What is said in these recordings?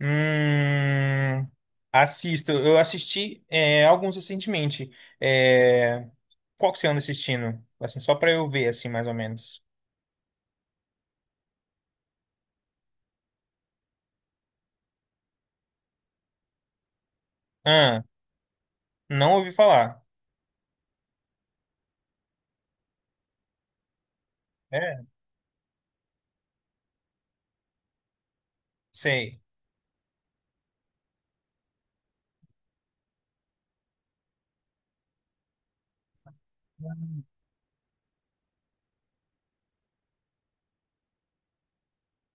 Hum, assisto. Eu assisti alguns recentemente. É, qual que você anda assistindo? Assim, só pra eu ver, assim, mais ou menos. Ah, não ouvi falar. É, sei.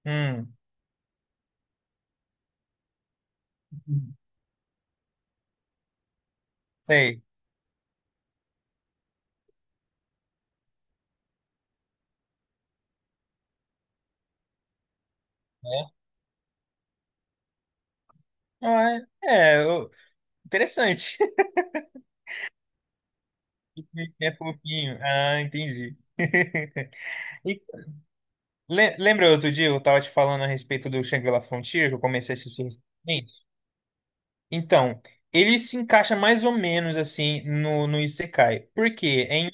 Hum, sei. É, Ah, é, É, eu- interessante. É fofinho. Ah, entendi. E lembra outro dia eu tava te falando a respeito do Shangri-La Frontier, que eu comecei a assistir recentemente? Então, ele se encaixa mais ou menos assim no Isekai. Por quê?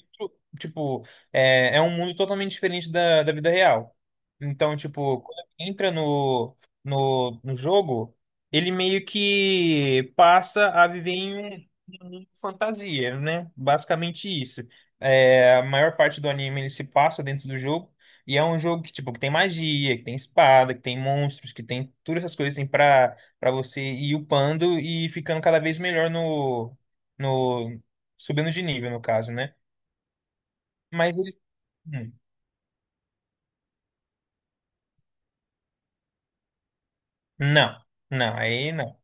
Tipo, é um mundo totalmente diferente da vida real. Então, tipo, quando entra no jogo, ele meio que passa a viver em um mundo de fantasia, né? Basicamente isso. É, a maior parte do anime ele se passa dentro do jogo. E é um jogo que, tipo, que tem magia, que tem espada, que tem monstros, que tem todas essas coisas assim, pra para você ir upando e ficando cada vez melhor no, subindo de nível, no caso, né? Mas ele, hum, não, não, aí não.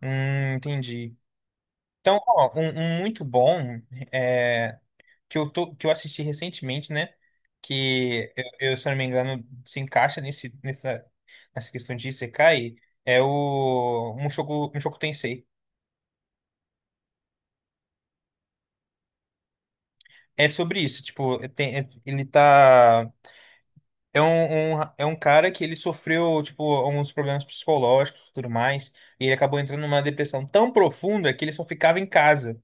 Entendi. Então, ó, um muito bom é, que eu tô, que eu assisti recentemente, né? Que eu, se eu não me engano, se encaixa nessa questão de Isekai, é o Mushoku Tensei. É sobre isso, tipo, tem- ele tá É é um cara que ele sofreu, tipo, alguns problemas psicológicos e tudo mais, e ele acabou entrando numa depressão tão profunda que ele só ficava em casa.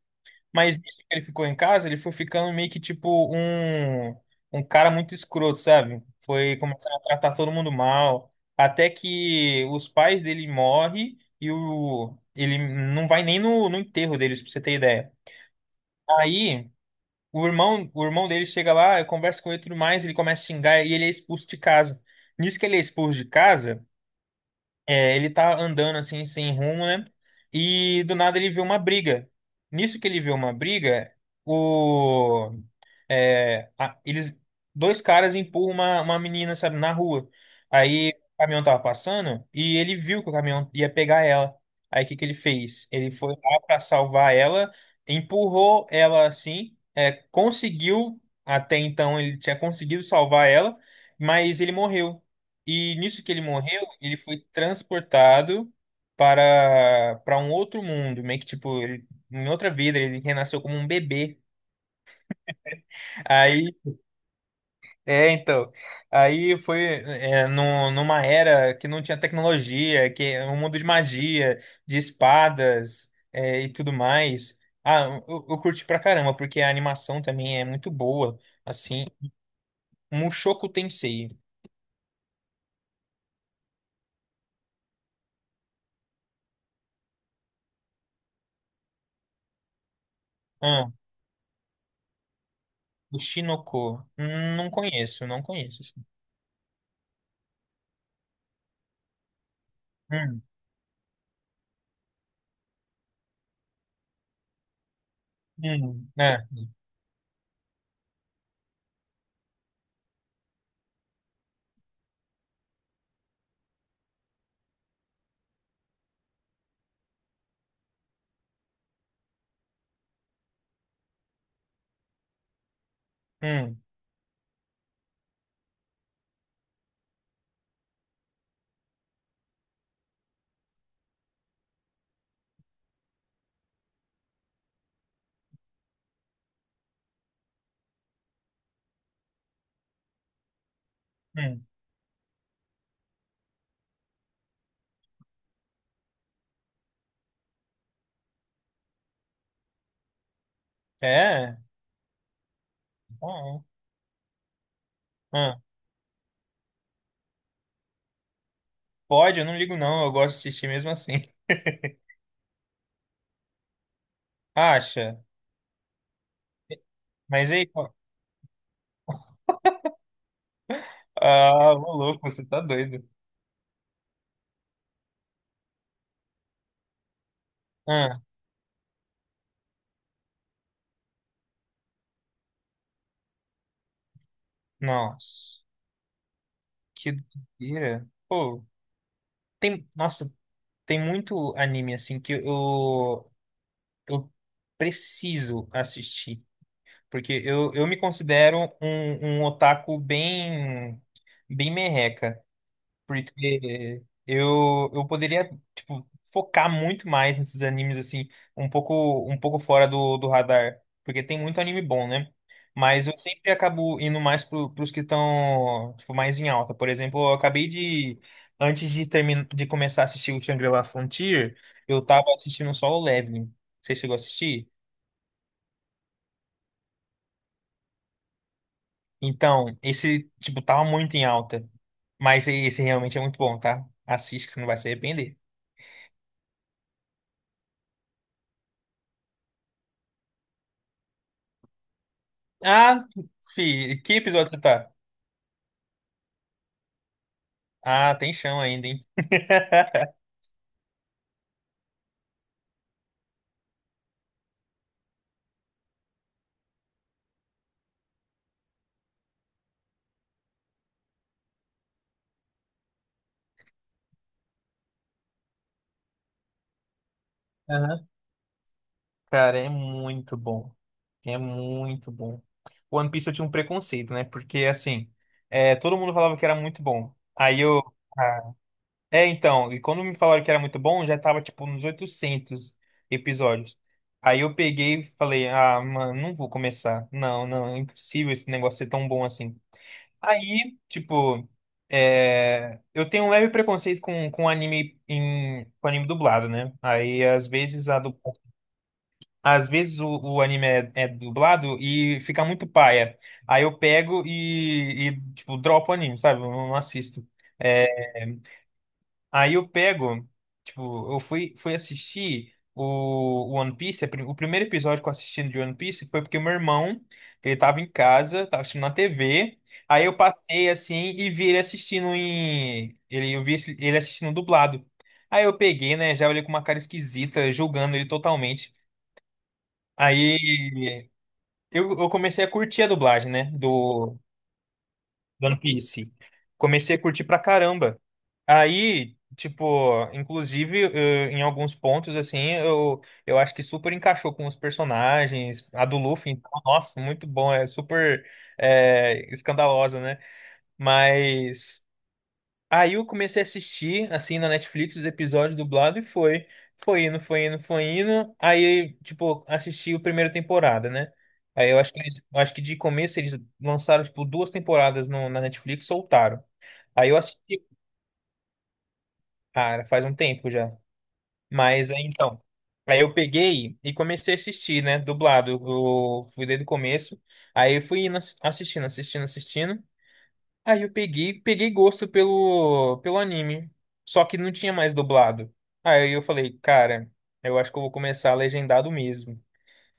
Mas nisso que ele ficou em casa, ele foi ficando meio que, tipo, um cara muito escroto, sabe? Foi começando a tratar todo mundo mal, até que os pais dele morrem e ele não vai nem no enterro deles, pra você ter ideia. Aí. O irmão dele chega lá, conversa com ele e tudo mais, ele começa a xingar e ele é expulso de casa. Nisso que ele é expulso de casa, é, ele tá andando assim, sem rumo, né? E do nada ele vê uma briga. Nisso que ele vê uma briga, o é, a- eles, dois caras empurram uma menina, sabe, na rua. Aí o caminhão tava passando e ele viu que o caminhão ia pegar ela. Aí o que que ele fez? Ele foi lá para salvar ela, empurrou ela assim, é, conseguiu, até então ele tinha conseguido salvar ela, mas ele morreu. E nisso que ele morreu, ele foi transportado para um outro mundo, meio que tipo, ele, em outra vida, ele renasceu como um bebê. Aí é, então. Aí foi é, numa era que não tinha tecnologia, que é um mundo de magia, de espadas é, e tudo mais. Ah, eu curti pra caramba, porque a animação também é muito boa. Assim, Mushoku Tensei. Ah, o Shinoko. Não conheço, não conheço. Assim. Hum, hum, é, hum, hum. É? Bom. Ah, pode, eu não ligo não, eu gosto de assistir mesmo assim. Acha? Mas aí. Ah, ô louco, você tá doido. Ah, nossa, que doideira. Pô, tem, nossa, tem muito anime assim eu preciso assistir, porque eu me considero um otaku bem merreca. Porque eu poderia, tipo, focar muito mais nesses animes, assim, um pouco fora do radar. Porque tem muito anime bom, né? Mas eu sempre acabo indo mais pros que estão, tipo, mais em alta. Por exemplo, antes de terminar, de começar a assistir o Shangri-La Frontier, eu tava assistindo só o Leveling. Você chegou a assistir? Então, esse, tipo, tava muito em alta. Mas esse realmente é muito bom, tá? Assiste que você não vai se arrepender. Ah, fi, que episódio você tá? Ah, tem chão ainda, hein? Aham. Cara, é muito bom. É muito bom. One Piece eu tinha um preconceito, né? Porque, assim, é, todo mundo falava que era muito bom. Aí eu. ah, então, e quando me falaram que era muito bom, já tava, tipo, nos 800 episódios. Aí eu peguei e falei, ah, mano, não vou começar. Não, não, é impossível esse negócio ser tão bom assim. Aí, tipo, é, eu tenho um leve preconceito com anime com anime dublado, né? Aí, às vezes, às vezes o anime é dublado e fica muito paia. Aí eu pego e, tipo, dropo o anime, sabe? Eu não assisto. Eh, Aí eu pego, tipo, eu fui, fui assistir o One Piece, o primeiro episódio que eu assisti de One Piece foi porque o meu irmão, ele tava em casa, tava assistindo na TV, aí eu passei assim e vi ele assistindo eu vi ele assistindo dublado. Aí eu peguei, né, já olhei com uma cara esquisita, julgando ele totalmente. Aí eu comecei a curtir a dublagem, né, do One Piece. Comecei a curtir pra caramba. Aí, tipo, inclusive, eh, em alguns pontos, assim, eu acho que super encaixou com os personagens. A do Luffy, então, nossa, muito bom, é super escandalosa, né? Mas aí eu comecei a assistir, assim, na Netflix, os episódios dublados e foi. Foi indo, foi indo, foi indo. Aí, tipo, assisti a primeira temporada, né? Aí eu acho eu acho que de começo eles lançaram, tipo, duas temporadas no, na Netflix, e soltaram. Aí eu assisti, cara, faz um tempo já. Mas aí então, aí eu peguei e comecei a assistir, né? Dublado. Eu fui desde o começo. Aí eu fui indo assistindo, assistindo, assistindo. Aí eu peguei, peguei gosto pelo anime. Só que não tinha mais dublado. Aí eu falei, cara, eu acho que eu vou começar legendado mesmo.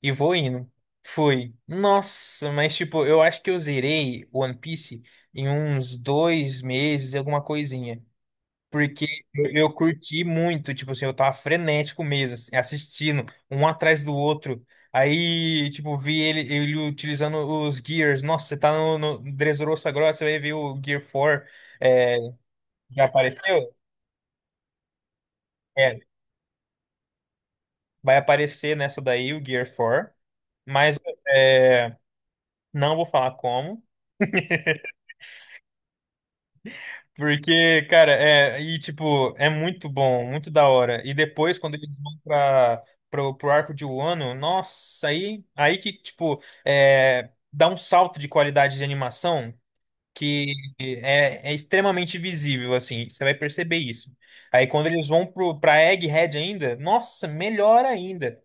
E vou indo. Fui. Nossa, mas tipo, eu acho que eu zerei One Piece em uns dois meses, alguma coisinha. Porque eu curti muito, tipo assim, eu tava frenético mesmo, assim, assistindo um atrás do outro. Aí, tipo, vi ele utilizando os Gears. Nossa, você tá no Dressrosa agora, você vai ver o Gear 4. É, já apareceu? É, vai aparecer nessa daí, o Gear 4. Mas é, não vou falar como. Porque, cara, é, e tipo, é muito bom, muito da hora. E depois, quando eles vão pro arco de Wano, nossa, aí que, tipo, é, dá um salto de qualidade de animação que é extremamente visível, assim, você vai perceber isso. Aí quando eles vão pra Egghead ainda, nossa, melhor ainda.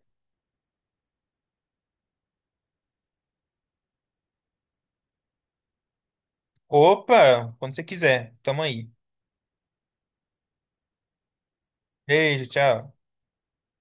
Opa, quando você quiser, tamo aí. Beijo, tchau.